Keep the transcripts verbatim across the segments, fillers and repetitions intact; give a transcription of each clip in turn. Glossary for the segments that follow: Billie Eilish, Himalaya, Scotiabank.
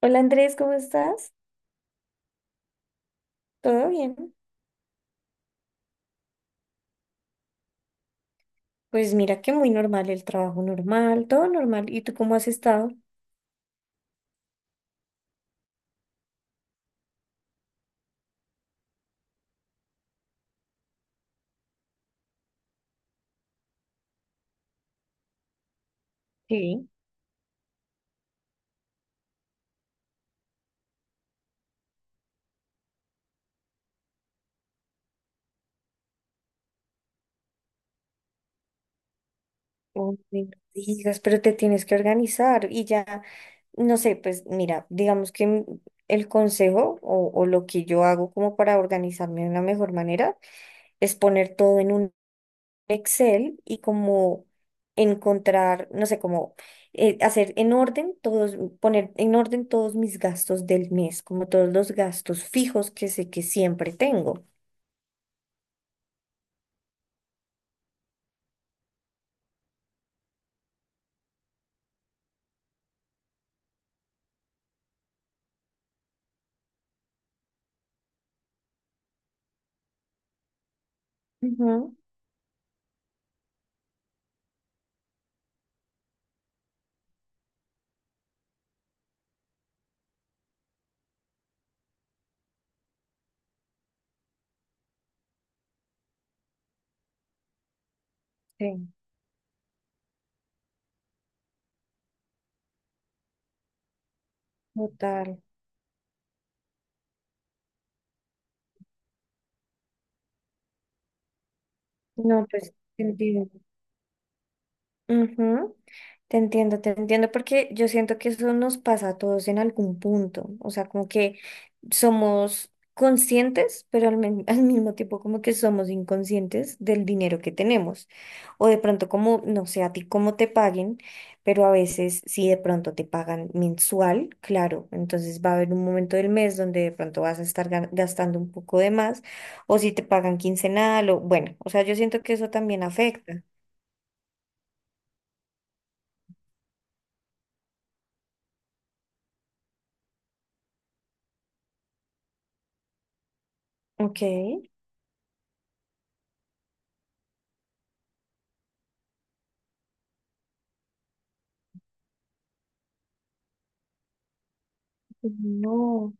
Hola Andrés, ¿cómo estás? ¿Todo bien? Pues mira que muy normal el trabajo normal, todo normal. ¿Y tú cómo has estado? Sí. Oh, no digas, pero te tienes que organizar y ya, no sé, pues mira, digamos que m- el consejo o, o lo que yo hago como para organizarme de una mejor manera es poner todo en un Excel y como encontrar, no sé, como eh, hacer en orden todos, poner en orden todos mis gastos del mes, como todos los gastos fijos que sé que siempre tengo. Ujú. Sí, total. No, pues, sentido. Ujú. Te entiendo, te entiendo, porque yo siento que eso nos pasa a todos en algún punto. O sea, como que somos conscientes, pero al, men- al mismo tiempo como que somos inconscientes del dinero que tenemos. O de pronto como, no sé, a ti cómo te paguen, pero a veces si de pronto te pagan mensual, claro, entonces va a haber un momento del mes donde de pronto vas a estar gan- gastando un poco de más, o si te pagan quincenal, o bueno, o sea, yo siento que eso también afecta. Ok. No,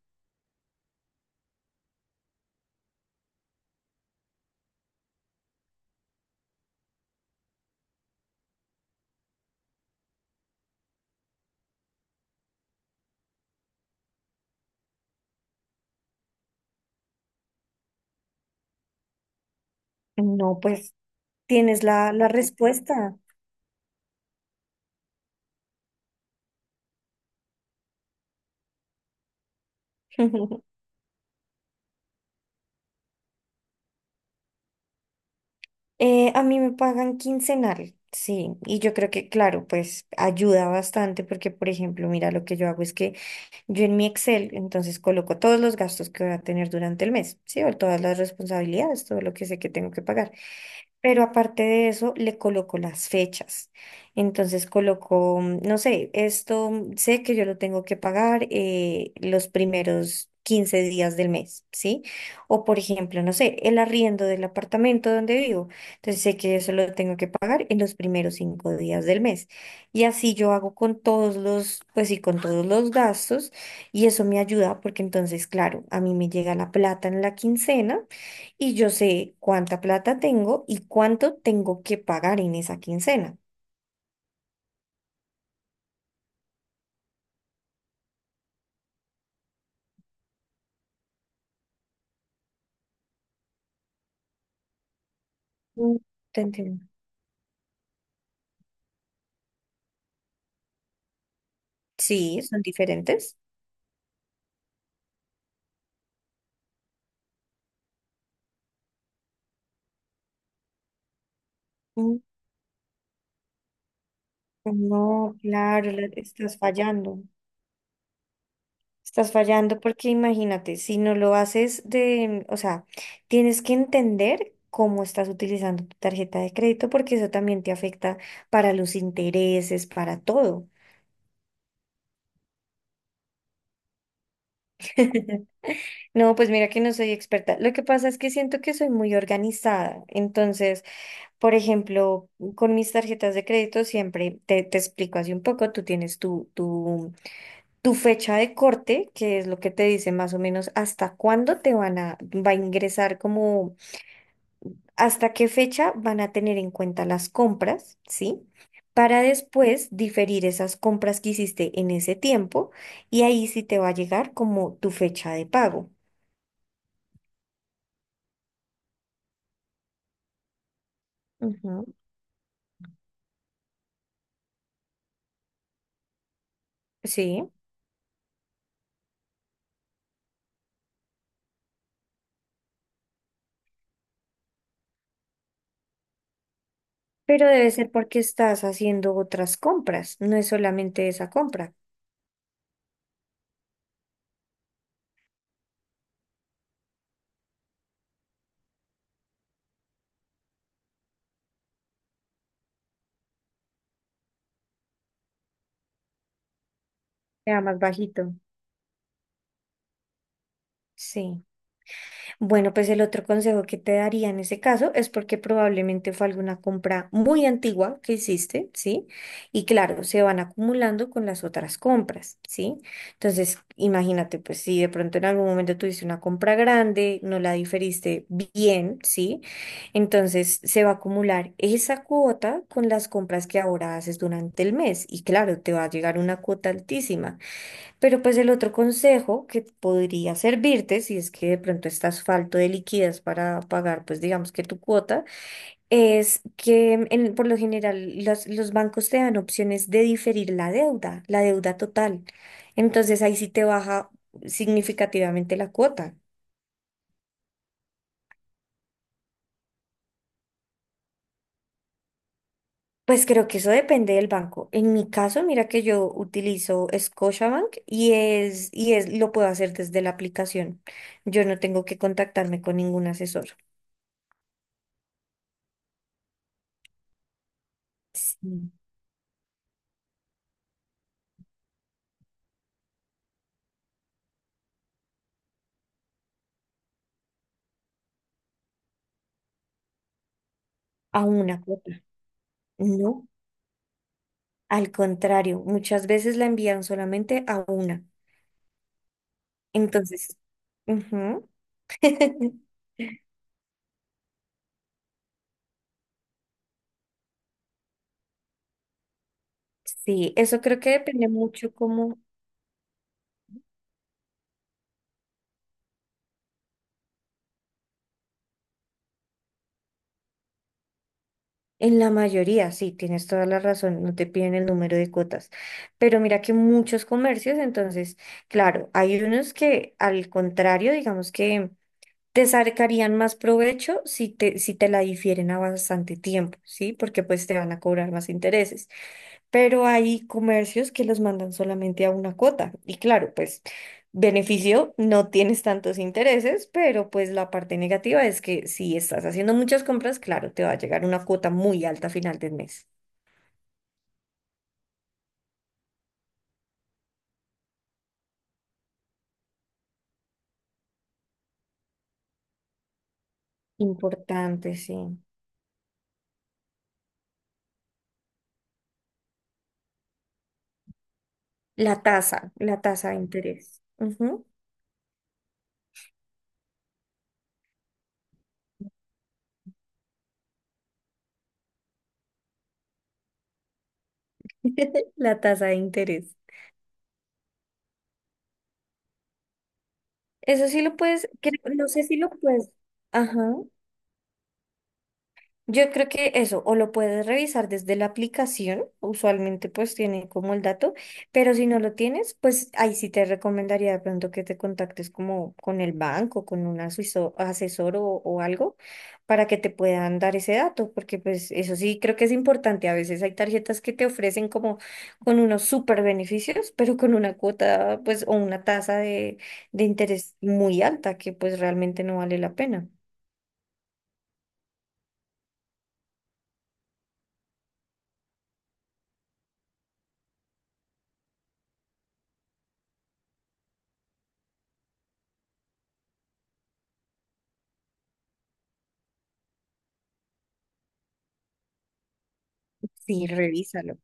no, pues tienes la, la respuesta. Eh, a mí me pagan quincenal, sí, y yo creo que, claro, pues ayuda bastante porque, por ejemplo, mira, lo que yo hago es que yo en mi Excel, entonces coloco todos los gastos que voy a tener durante el mes, sí, o todas las responsabilidades, todo lo que sé que tengo que pagar. Pero aparte de eso, le coloco las fechas. Entonces coloco, mm, no sé, esto mm, sé que yo lo tengo que pagar eh, los primeros quince días del mes, ¿sí? O por ejemplo, no sé, el arriendo del apartamento donde vivo. Entonces sé que eso lo tengo que pagar en los primeros cinco días del mes. Y así yo hago con todos los, pues sí, con todos los gastos. Y eso me ayuda porque entonces, claro, a mí me llega la plata en la quincena y yo sé cuánta plata tengo y cuánto tengo que pagar en esa quincena. Mm, Te entiendo. Sí, son diferentes. Mm, No, claro, la- estás fallando. Estás fallando porque imagínate, si no lo haces de, o sea, tienes que entender cómo estás utilizando tu tarjeta de crédito porque eso también te afecta para los intereses, para todo. No, pues mira que no soy experta. Lo que pasa es que siento que soy muy organizada. Entonces, por ejemplo, con mis tarjetas de crédito siempre te, te explico así un poco, tú tienes tu, tu, tu fecha de corte, que es lo que te dice más o menos hasta cuándo te van a, va a ingresar como, hasta qué fecha van a tener en cuenta las compras, ¿sí? Para después diferir esas compras que hiciste en ese tiempo y ahí sí te va a llegar como tu fecha de pago. Ujú. Sí, pero debe ser porque estás haciendo otras compras, no es solamente esa compra. Sea más bajito. Sí. Bueno, pues el otro consejo que te daría en ese caso es porque probablemente fue alguna compra muy antigua que hiciste, ¿sí? Y claro, se van acumulando con las otras compras, ¿sí? Entonces, imagínate, pues si de pronto en algún momento tuviste una compra grande, no la diferiste bien, ¿sí? Entonces se va a acumular esa cuota con las compras que ahora haces durante el mes. Y claro, te va a llegar una cuota altísima. Pero pues el otro consejo que podría servirte, si es que de pronto estás falto de liquidez para pagar, pues digamos que tu cuota, es que en- por lo general los, los bancos te dan opciones de diferir la deuda, la deuda total. Entonces ahí sí te baja significativamente la cuota. Pues creo que eso depende del banco. En mi caso, mira que yo utilizo Scotiabank y es, y es, lo puedo hacer desde la aplicación. Yo no tengo que contactarme con ningún asesor. Sí. A una cuota. No, al contrario, muchas veces la envían solamente a una. Entonces, ujú. Sí, eso creo que depende mucho como en la mayoría, sí, tienes toda la razón, no te piden el número de cuotas, pero mira que muchos comercios, entonces, claro, hay unos que al contrario, digamos que te sacarían más provecho si te, si te la difieren a bastante tiempo, ¿sí? Porque pues te van a cobrar más intereses. Pero hay comercios que los mandan solamente a una cuota. Y claro, pues beneficio, no tienes tantos intereses, pero pues la parte negativa es que si estás haciendo muchas compras, claro, te va a llegar una cuota muy alta a final del mes. Importante, sí. La tasa, la tasa de interés. Ujú. La tasa de interés. Eso sí lo puedes, creo- no sé si lo puedes. Ajá. Yo creo que eso, o lo puedes revisar desde la aplicación, usualmente pues tiene como el dato, pero si no lo tienes, pues ahí sí te recomendaría de pronto que te contactes como con el banco, con un asuiso- asesor o, o algo, para que te puedan dar ese dato, porque pues eso sí creo que es importante. A veces hay tarjetas que te ofrecen como con unos super beneficios, pero con una cuota pues o una tasa de, de interés muy alta que pues realmente no vale la pena. Sí, revísalo.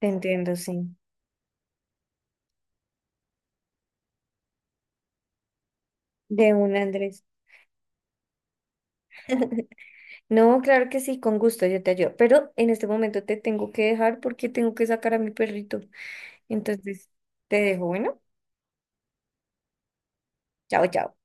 Te entiendo, sí. De un Andrés. No, claro que sí, con gusto, yo te ayudo. Pero en este momento te tengo que dejar porque tengo que sacar a mi perrito. Entonces, te dejo, bueno, chao, chao.